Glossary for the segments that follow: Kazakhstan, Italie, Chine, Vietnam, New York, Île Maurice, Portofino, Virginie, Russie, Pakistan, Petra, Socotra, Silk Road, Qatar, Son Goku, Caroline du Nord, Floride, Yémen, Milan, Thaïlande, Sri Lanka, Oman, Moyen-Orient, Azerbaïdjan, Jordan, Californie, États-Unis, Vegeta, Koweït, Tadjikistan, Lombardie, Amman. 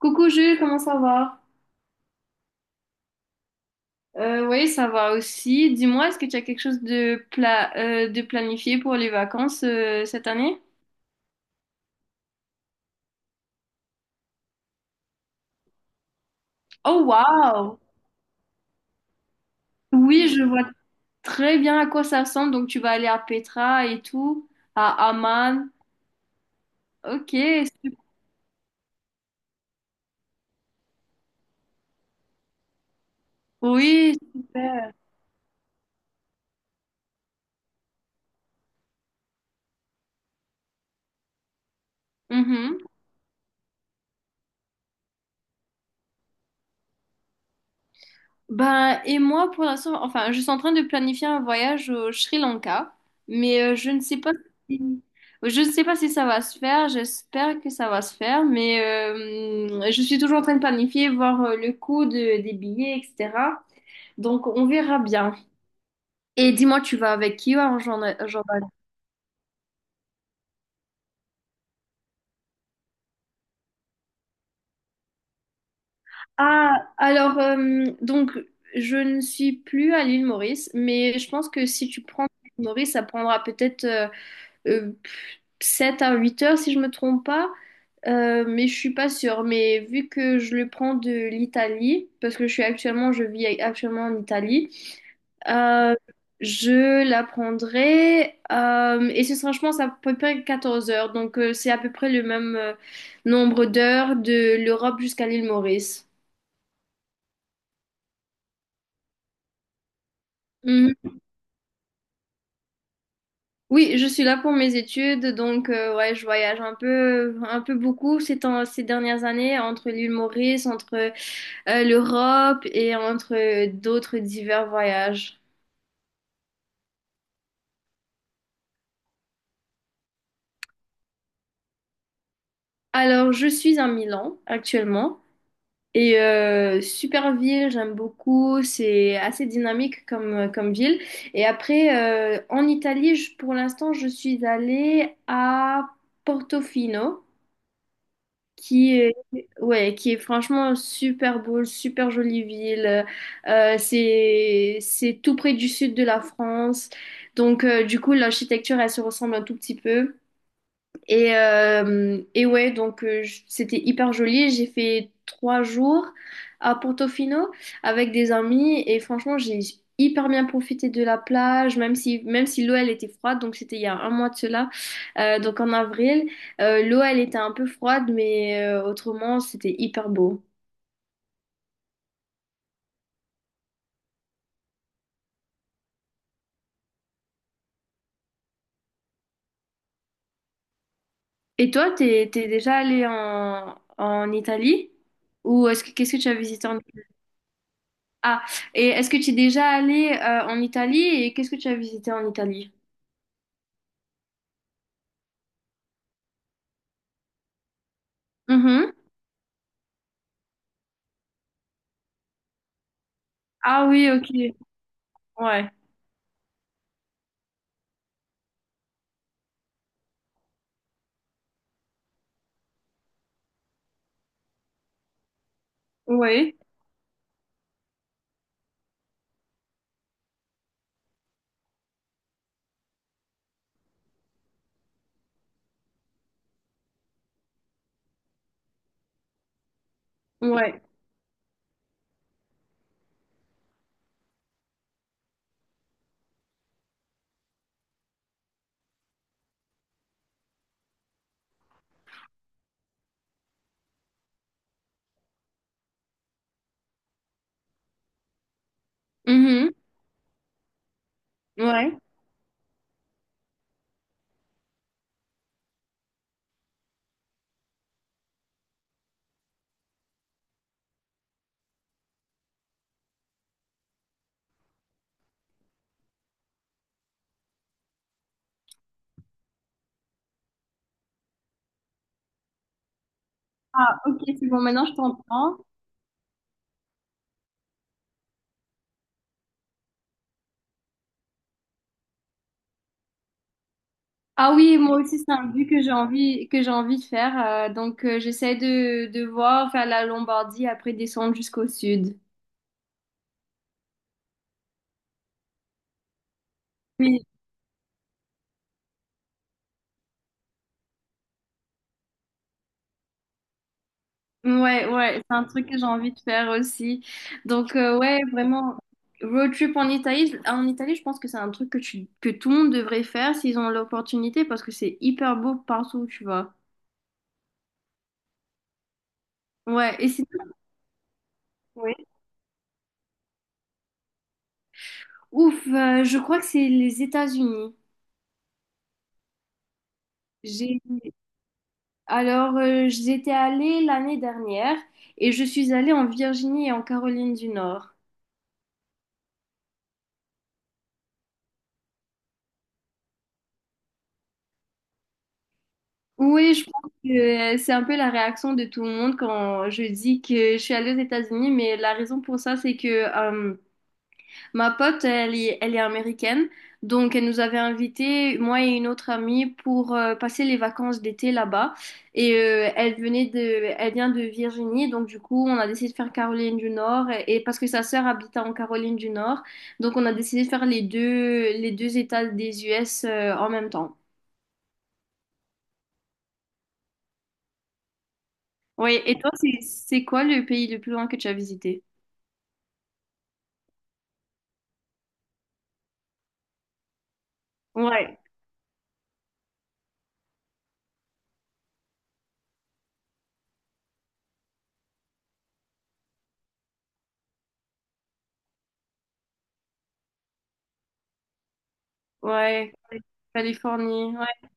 Coucou Jules, comment ça va? Oui, ça va aussi. Dis-moi, est-ce que tu as quelque chose de planifié pour les vacances cette année? Oh wow! Oui, je vois très bien à quoi ça ressemble. Donc tu vas aller à Petra et tout, à Amman. Ok, su- oui, super. Ben, et moi, pour l'instant, enfin, je suis en train de planifier un voyage au Sri Lanka, mais je ne sais pas si, je ne sais pas si ça va se faire. J'espère que ça va se faire, mais je suis toujours en train de planifier, voir le des billets, etc. Donc, on verra bien. Et dis-moi, tu vas avec qui en Jordan? Jordan. Ah, alors, donc, je ne suis plus à l'île Maurice, mais je pense que si tu prends l'île Maurice, ça prendra peut-être. euh, 7 à huit heures si je me trompe pas. Mais je suis pas sûre. Mais vu que je le prends de l'Italie, parce que je suis actuellement, je vis actuellement en Italie, euh, je la prendrai et ce sera, je pense, à peu près 14 heures. Donc c'est à peu près le même nombre d'heures de l'Europe jusqu'à l'île Maurice. Mhm. Oui, je suis là pour mes études, donc ouais, je voyage un peu beaucoup ces temps, ces dernières années entre l'île Maurice, entre l'Europe et entre d'autres divers voyages. Alors, je suis à Milan actuellement et super ville, j'aime beaucoup, c'est assez dynamique comme, comme ville. Et après, en Italie, pour l'instant, je suis allée à Portofino. Qui est, ouais, qui est franchement super beau, super jolie ville. C'est tout près du sud de la France. Donc, du coup, l'architecture, elle se ressemble un tout petit peu. Et ouais, donc c'était hyper joli. J'ai fait 3 jours à Portofino avec des amis et franchement, j'ai hyper bien profité de la plage, même si l'eau elle était froide, donc c'était il y a un mois de cela. Donc en avril. L'eau elle était un peu froide, mais autrement, c'était hyper beau. Et toi, t'es déjà allé en, en Italie? Ou est-ce que qu'est-ce que tu as visité en... Ah, et est-ce que tu es déjà allé en Italie et qu'est-ce que tu as visité en Italie? Mhm. Ah oui, ok. Ouais. Ouais. Ouais. Mhm. Ouais. Ah, ok, c'est bon, maintenant je t'entends. Ah oui, moi aussi, c'est un but que j'ai envie de faire. Donc, j'essaie de voir, faire la Lombardie, après descendre jusqu'au sud. Oui. Ouais, ouais, c'est un truc que j'ai envie de faire aussi. Donc, ouais, vraiment, road trip en Italie. En Italie, je pense que c'est un truc que, tu, que tout le monde devrait faire s'ils ont l'opportunité parce que c'est hyper beau partout où tu vas. Ouais, et sinon, ouf, je crois que c'est les États-Unis. J'ai alors j'étais allée l'année dernière et je suis allée en Virginie et en Caroline du Nord. Oui, je pense que c'est un peu la réaction de tout le monde quand je dis que je suis allée aux États-Unis, mais la raison pour ça, c'est que ma pote, elle est américaine, donc elle nous avait invités, moi et une autre amie, pour passer les vacances d'été là-bas. Et elle vient de Virginie, donc du coup, on a décidé de faire Caroline du Nord, et parce que sa sœur habitait en Caroline du Nord, donc on a décidé de faire les deux États des US en même temps. Oui, et toi, c'est quoi le pays le plus loin que tu as visité? Ouais, ouais, Californie, ouais.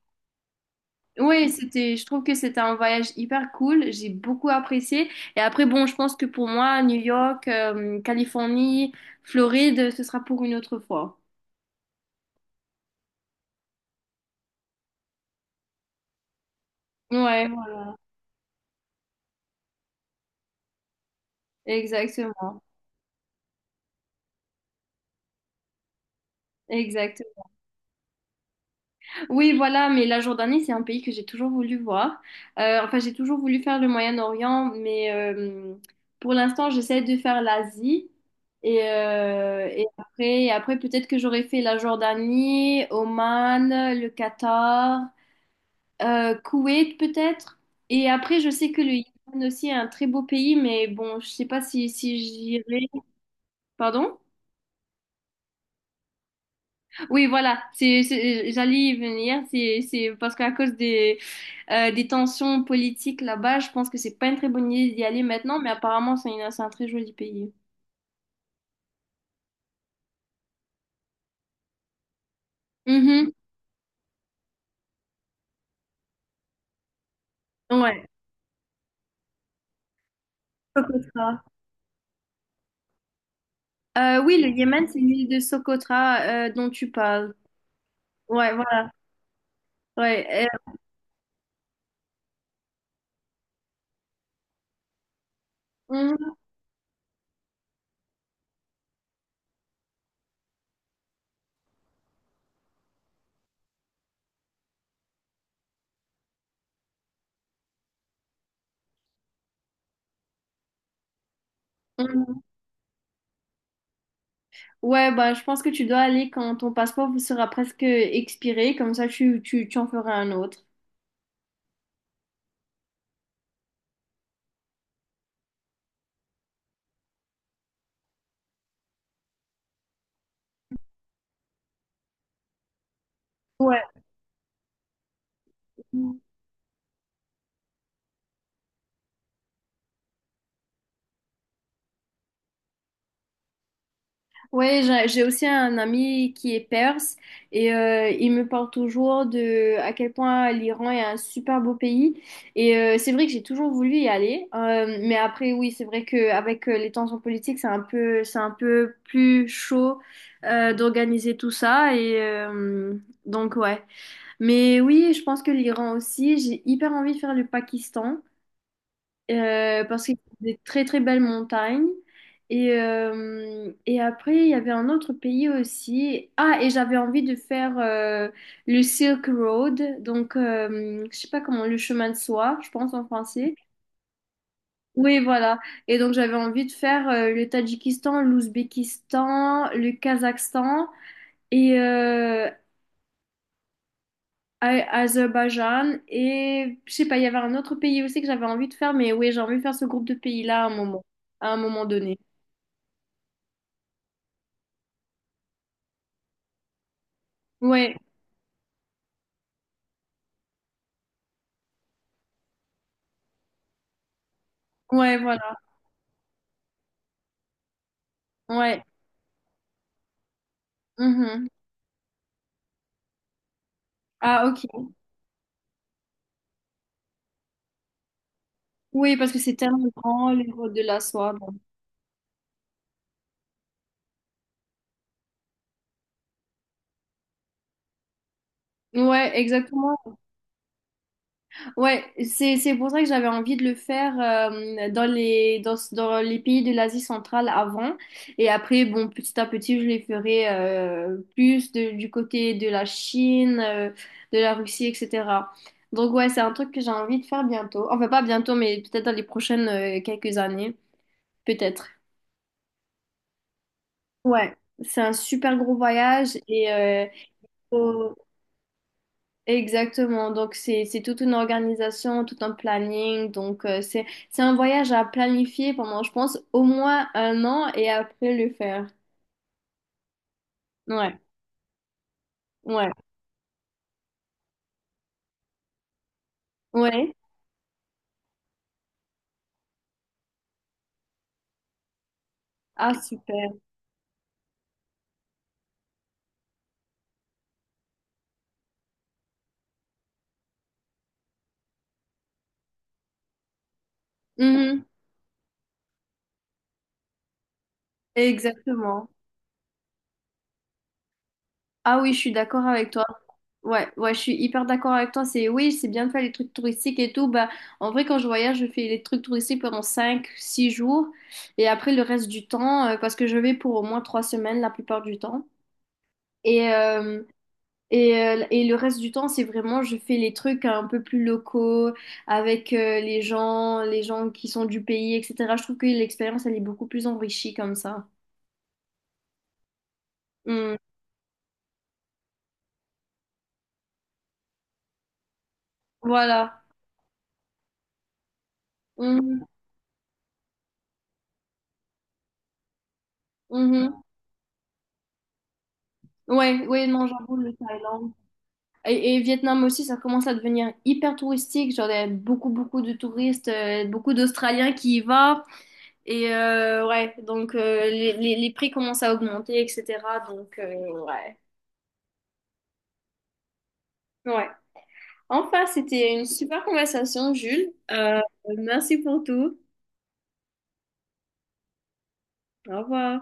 Oui, c'était, je trouve que c'était un voyage hyper cool. J'ai beaucoup apprécié. Et après, bon, je pense que pour moi, New York, Californie, Floride, ce sera pour une autre fois. Ouais, ouais, exactement, exactement. Oui, voilà, mais la Jordanie, c'est un pays que j'ai toujours voulu voir. Enfin, j'ai toujours voulu faire le Moyen-Orient, mais pour l'instant, j'essaie de faire l'Asie. Et après peut-être que j'aurais fait la Jordanie, Oman, le Qatar. Koweït peut-être. Et après, je sais que le Yémen aussi est un très beau pays, mais bon, je sais pas si j'irai. Pardon? Oui, voilà, j'allais y venir. C'est parce qu'à cause des tensions politiques là-bas, je pense que c'est pas une très bonne idée d'y aller maintenant, mais apparemment, c'est un très joli pays. Mhm. Ouais, Socotra. Oui, le Yémen, c'est l'île de Socotra dont tu parles. Ouais, voilà. Ouais. euh, mhm. Ouais, bah, je pense que tu dois aller quand ton passeport vous sera presque expiré, comme ça tu en feras un autre. Ouais. Ouais, j'ai aussi un ami qui est perse et il me parle toujours de à quel point l'Iran est un super beau pays. Et c'est vrai que j'ai toujours voulu y aller. Mais après oui, c'est vrai qu'avec les tensions politiques, c'est un peu plus chaud d'organiser tout ça donc ouais. Mais oui, je pense que l'Iran aussi. J'ai hyper envie de faire le Pakistan parce qu'il y a des très très belles montagnes. Et après, il y avait un autre pays aussi. Ah, et j'avais envie de faire le Silk Road, donc je sais pas comment, le chemin de soie, je pense en français. Oui, voilà. Et donc j'avais envie de faire le Tadjikistan, l'Ouzbékistan, le Kazakhstan. Et, euh, Azerbaïdjan et je sais pas, il y avait un autre pays aussi que j'avais envie de faire, mais oui, j'ai envie de faire ce groupe de pays-là à un moment donné. Ouais, ouais, voilà, ouais. Mhm. Ah, ok. Oui, parce que c'est tellement grand, les routes de la soie. Bon. Ouais, exactement. Ouais, c'est pour ça que j'avais envie de le faire dans les pays de l'Asie centrale avant et après bon petit à petit je les ferai du côté de la Chine, de la Russie etc. Donc ouais c'est un truc que j'ai envie de faire bientôt. Enfin pas bientôt mais peut-être dans les prochaines quelques années peut-être. Ouais c'est un super gros voyage et faut- exactement, donc c'est toute une organisation, tout un planning, donc c'est un voyage à planifier pendant, je pense, au moins un an et après le faire. Ouais, ouais, ouais. Ah, super. Mhm. Exactement. Ah oui, je suis d'accord avec toi. Ouais, ouais, je suis hyper d'accord avec toi. C'est oui, c'est bien de faire les trucs touristiques et tout. Bah, en vrai, quand je voyage, je fais les trucs touristiques pendant 5, 6 jours et après le reste du temps, parce que je vais pour au moins 3 semaines la plupart du temps. Et, euh, et le reste du temps, c'est vraiment, je fais les trucs un peu plus locaux, avec les gens qui sont du pays, etc. Je trouve que l'expérience, elle est beaucoup plus enrichie comme ça. Mm. Voilà. Mhm. Mhm. Ouais, ouais, non, j'avoue, le Thaïlande. Et Vietnam aussi, ça commence à devenir hyper touristique. Genre, il y a beaucoup, beaucoup de touristes, beaucoup d'Australiens qui y vont. Et ouais, donc les prix commencent à augmenter, etc. Donc, ouais. Ouais. Enfin, c'était une super conversation, Jules. Merci pour tout. Au revoir.